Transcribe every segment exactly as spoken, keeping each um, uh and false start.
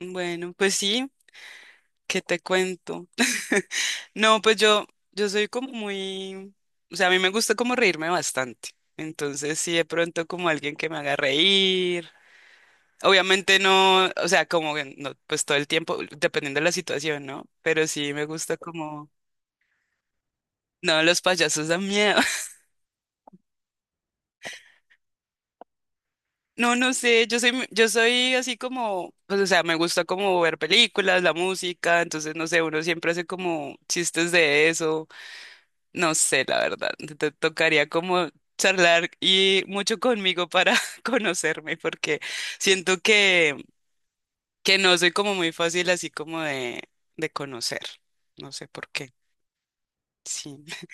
Bueno, pues sí, ¿qué te cuento? No, pues yo, yo soy como muy, o sea, a mí me gusta como reírme bastante. Entonces, sí, de pronto como alguien que me haga reír. Obviamente no, o sea, como que no, pues todo el tiempo, dependiendo de la situación, ¿no? Pero sí me gusta como, no, los payasos dan miedo. No, no sé, yo soy, mu- yo soy así como, pues, o sea, me gusta como ver películas, la música, entonces, no sé, uno siempre hace como chistes de eso. No sé, la verdad. Te tocaría como charlar y mucho conmigo para conocerme, porque siento que, que no soy como muy fácil así como de, de conocer. No sé por qué. Sí.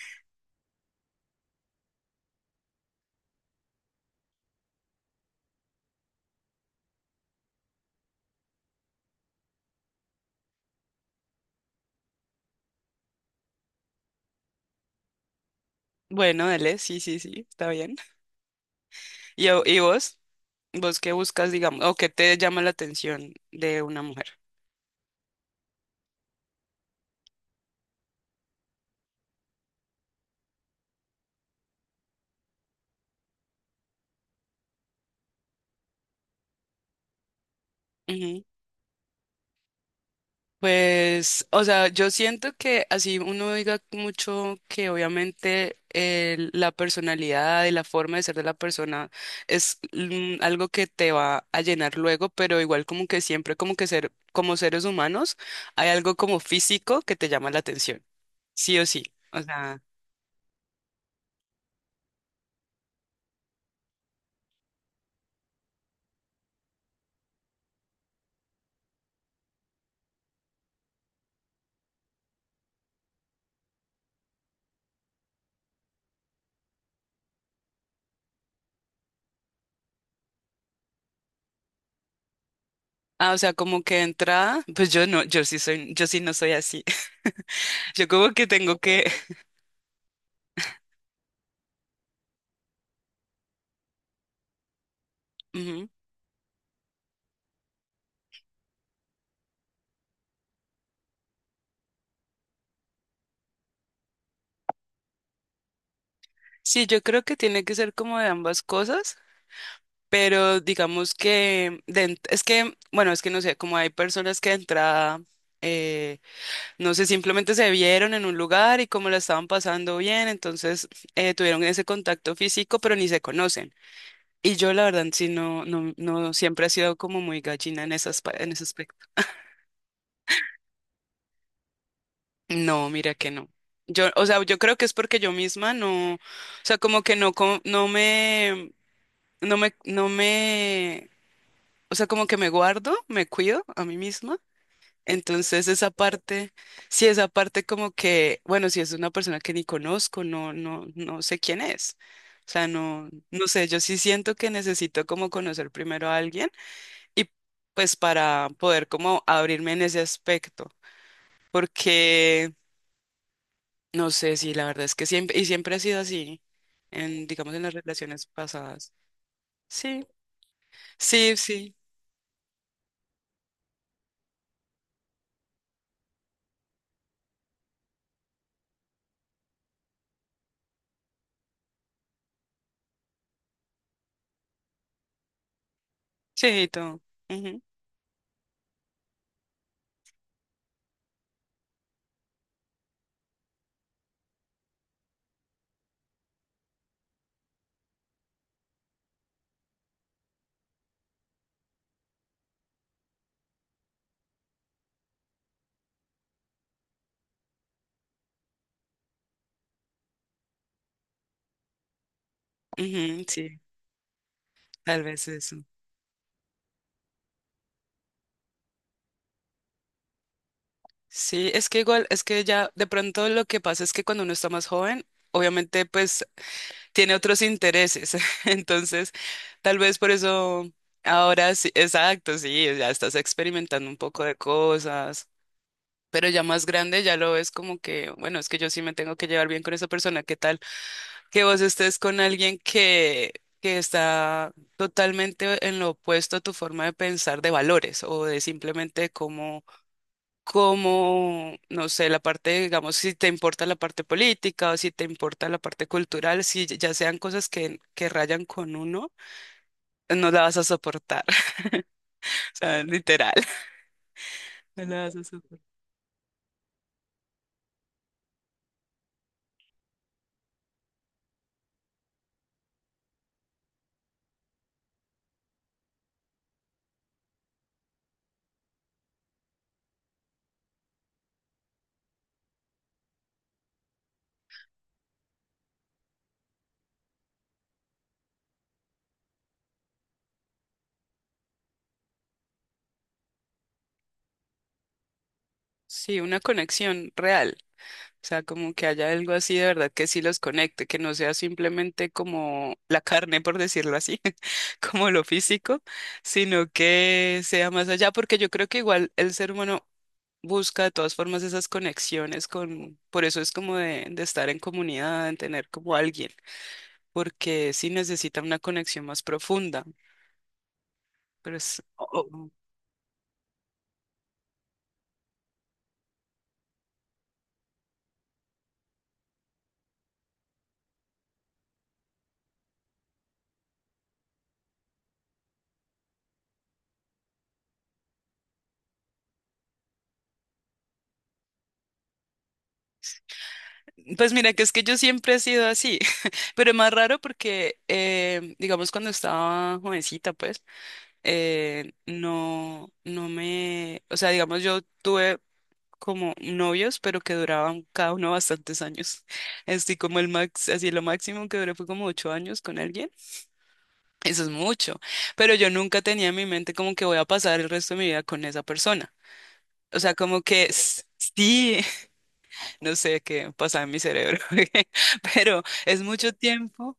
Bueno, dale, sí, sí, sí, está bien. ¿Y, a- y vos? ¿Vos qué buscas, digamos, o qué te llama la atención de una mujer? Pues, o sea, yo siento que así uno diga mucho que obviamente el- la personalidad y la forma de ser de la persona es mm, algo que te va a llenar luego, pero igual como que siempre como que ser, como seres humanos, hay algo como físico que te llama la atención, sí o sí. O sea, ah, o sea, como que de entrada, pues yo no, yo sí soy, yo sí no soy así. Yo como que tengo que, ujú. Sí, yo creo que tiene que ser como de ambas cosas. Pero digamos que de ent- es que, bueno, es que no sé, como hay personas que de entrada, eh, no sé, simplemente se vieron en un lugar y como la estaban pasando bien, entonces eh, tuvieron ese contacto físico, pero ni se conocen. Y yo la verdad sí no, no, no siempre he sido como muy gallina en esas, pa- en ese aspecto. No, mira que no. Yo, o sea, yo creo que es porque yo misma no, o sea, como que no, co- no me, no me, no me, o sea, como que me guardo, me cuido a mí misma. Entonces esa parte, sí, esa parte como que, bueno, si es una persona que ni conozco, no, no, no sé quién es. O sea, no, no sé, yo sí siento que necesito como conocer primero a alguien y pues para poder como abrirme en ese aspecto, porque no sé si la verdad es que siempre, y siempre ha sido así, en, digamos, en las relaciones pasadas. Sí, sí, sí, sí, y todo. Ujú, ujú, sí, tal vez eso. Sí, es que igual, es que ya de pronto lo que pasa es que cuando uno está más joven, obviamente pues tiene otros intereses. Entonces, tal vez por eso ahora sí, exacto, sí, ya estás experimentando un poco de cosas, pero ya más grande ya lo ves como que, bueno, es que yo sí me tengo que llevar bien con esa persona. ¿Qué tal que vos estés con alguien que, que está totalmente en lo opuesto a tu forma de pensar de valores o de simplemente cómo como, no sé, la parte, digamos, si te importa la parte política o si te importa la parte cultural, si ya sean cosas que, que rayan con uno, no la vas a soportar, o sea, literal, no la vas a soportar. Sí, una conexión real, o sea, como que haya algo así de verdad que sí los conecte, que no sea simplemente como la carne, por decirlo así, como lo físico, sino que sea más allá, porque yo creo que igual el ser humano busca de todas formas esas conexiones con, por eso es como de, de, estar en comunidad, en tener como alguien, porque sí necesita una conexión más profunda. Pero es, o- o- pues mira, que es que yo siempre he sido así, pero es más raro porque, eh, digamos, cuando estaba jovencita, pues, eh, no, no me, o sea, digamos, yo tuve como novios, pero que duraban cada uno bastantes años. Estoy como el max, así lo máximo que duré fue como ocho años con alguien. Eso es mucho, pero yo nunca tenía en mi mente como que voy a pasar el resto de mi vida con esa persona. O sea, como que s- sí, no sé qué pasa en mi cerebro, pero es mucho tiempo.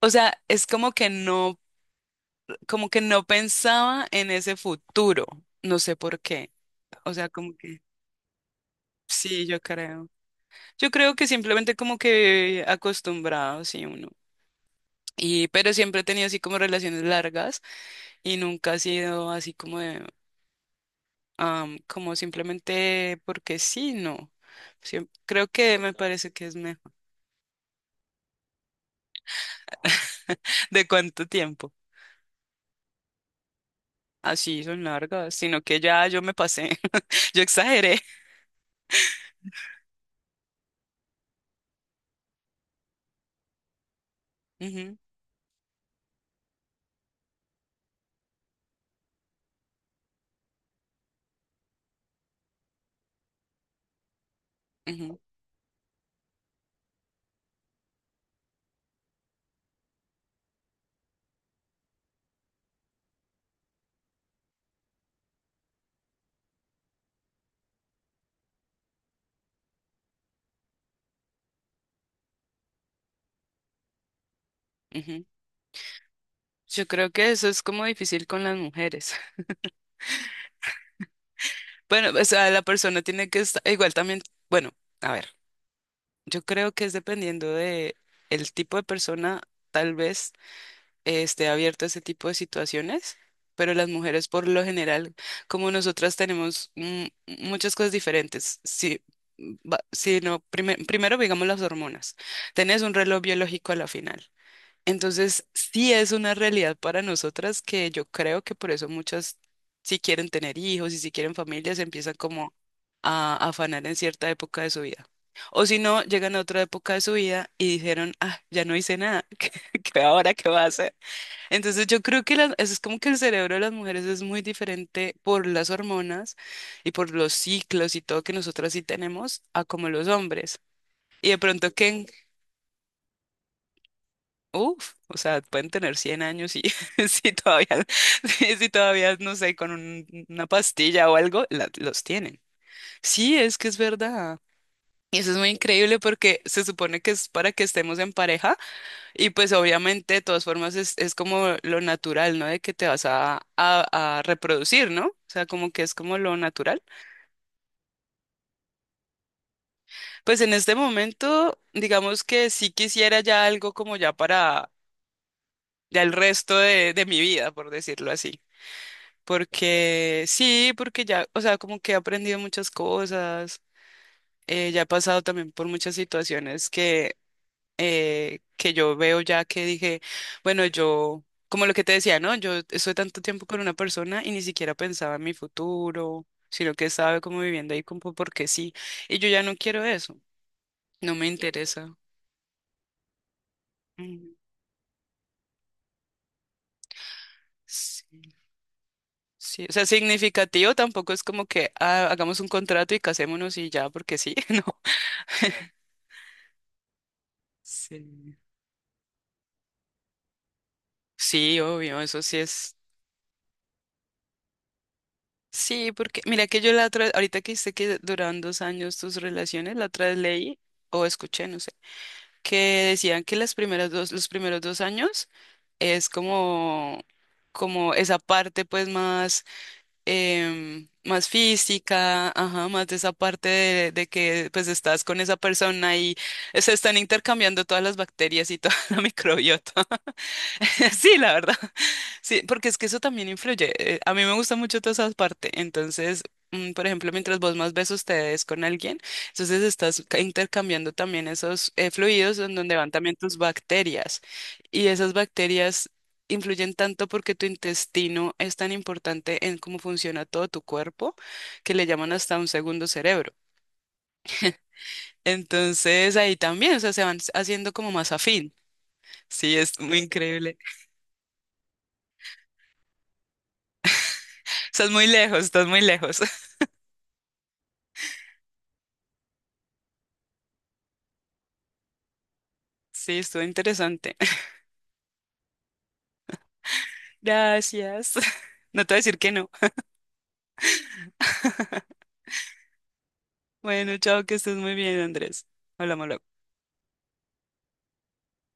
O sea, es como que no, como que no pensaba en ese futuro. No sé por qué. O sea, como que sí, yo creo. Yo creo que simplemente como que acostumbrado, sí, uno. Y, pero siempre he tenido así como relaciones largas y nunca ha sido así como de am, como simplemente porque sí, no. Siem- creo que me parece que es mejor. ¿De cuánto tiempo? Así son largas, sino que ya yo me pasé, yo exageré. Ujú, ujú, ujú. Yo creo que eso es como difícil con las mujeres. Bueno, o sea, la persona tiene que estar, igual también, bueno, a ver, yo creo que es dependiendo de el tipo de persona, tal vez. Eh, esté abierto a ese tipo de situaciones, pero las mujeres por lo general, como nosotras tenemos mm, muchas cosas diferentes, si, va- si no, prime- primero digamos las hormonas, tenés un reloj biológico a la final. Entonces, sí es una realidad para nosotras que yo creo que por eso muchas, si quieren tener hijos y si quieren familias, empiezan como a afanar en cierta época de su vida. O si no, llegan a otra época de su vida y dijeron, ah, ya no hice nada, ¿qué, ahora qué va a hacer? Entonces yo creo que las- eso es como que el cerebro de las mujeres es muy diferente por las hormonas y por los ciclos y todo que nosotros sí tenemos a como los hombres. Y de pronto que, uff, o sea, pueden tener cien años y si todavía, si todavía, no sé, con un- una pastilla o algo, la- los tienen. Sí, es que es verdad. Y eso es muy increíble porque se supone que es para que estemos en pareja. Y pues obviamente, de todas formas, es, es como lo natural, ¿no? De que te vas a, a, a, reproducir, ¿no? O sea, como que es como lo natural. Pues en este momento, digamos que sí quisiera ya algo como ya para ya el resto de, de mi vida, por decirlo así. Porque sí, porque ya, o sea, como que he aprendido muchas cosas, eh, ya he pasado también por muchas situaciones eh, que yo veo ya que dije, bueno, yo, como lo que te decía, ¿no? Yo estoy tanto tiempo con una persona y ni siquiera pensaba en mi futuro, sino que estaba como viviendo ahí como porque sí, y yo ya no quiero eso, no me interesa. Mm, Sí, sí, o sea, significativo tampoco es como que ah, hagamos un contrato y casémonos y ya, porque sí, no. Sí. Sí, obvio, eso sí es. Sí, porque mira que yo la otra, ahorita que dijiste que duraban dos años tus relaciones, la otra vez leí o escuché, no sé que decían que las primeras dos, los primeros dos años es como, como, esa parte pues más, em, más física, ajá, más de esa parte de, de que pues estás con esa persona y se están intercambiando todas las bacterias y toda la microbiota. Sí, la verdad. Sí, porque es que eso también influye. Eh, A mí me gusta mucho toda esa parte. Entonces, mm, por ejemplo, mientras vos más besos te des con alguien, entonces estás ca- intercambiando también esos eh, fluidos en donde van también tus bacterias. Y esas bacterias influyen tanto porque tu intestino es tan importante en cómo funciona todo tu cuerpo que le llaman hasta un segundo cerebro. Entonces, ahí también, o sea, se van haciendo como más afín. Sí, es muy increíble. Estás muy lejos, estás muy lejos. Sí, estuvo interesante. Gracias. No te voy a decir que no. Bueno, chao, que estés muy bien, Andrés. Hablamos luego.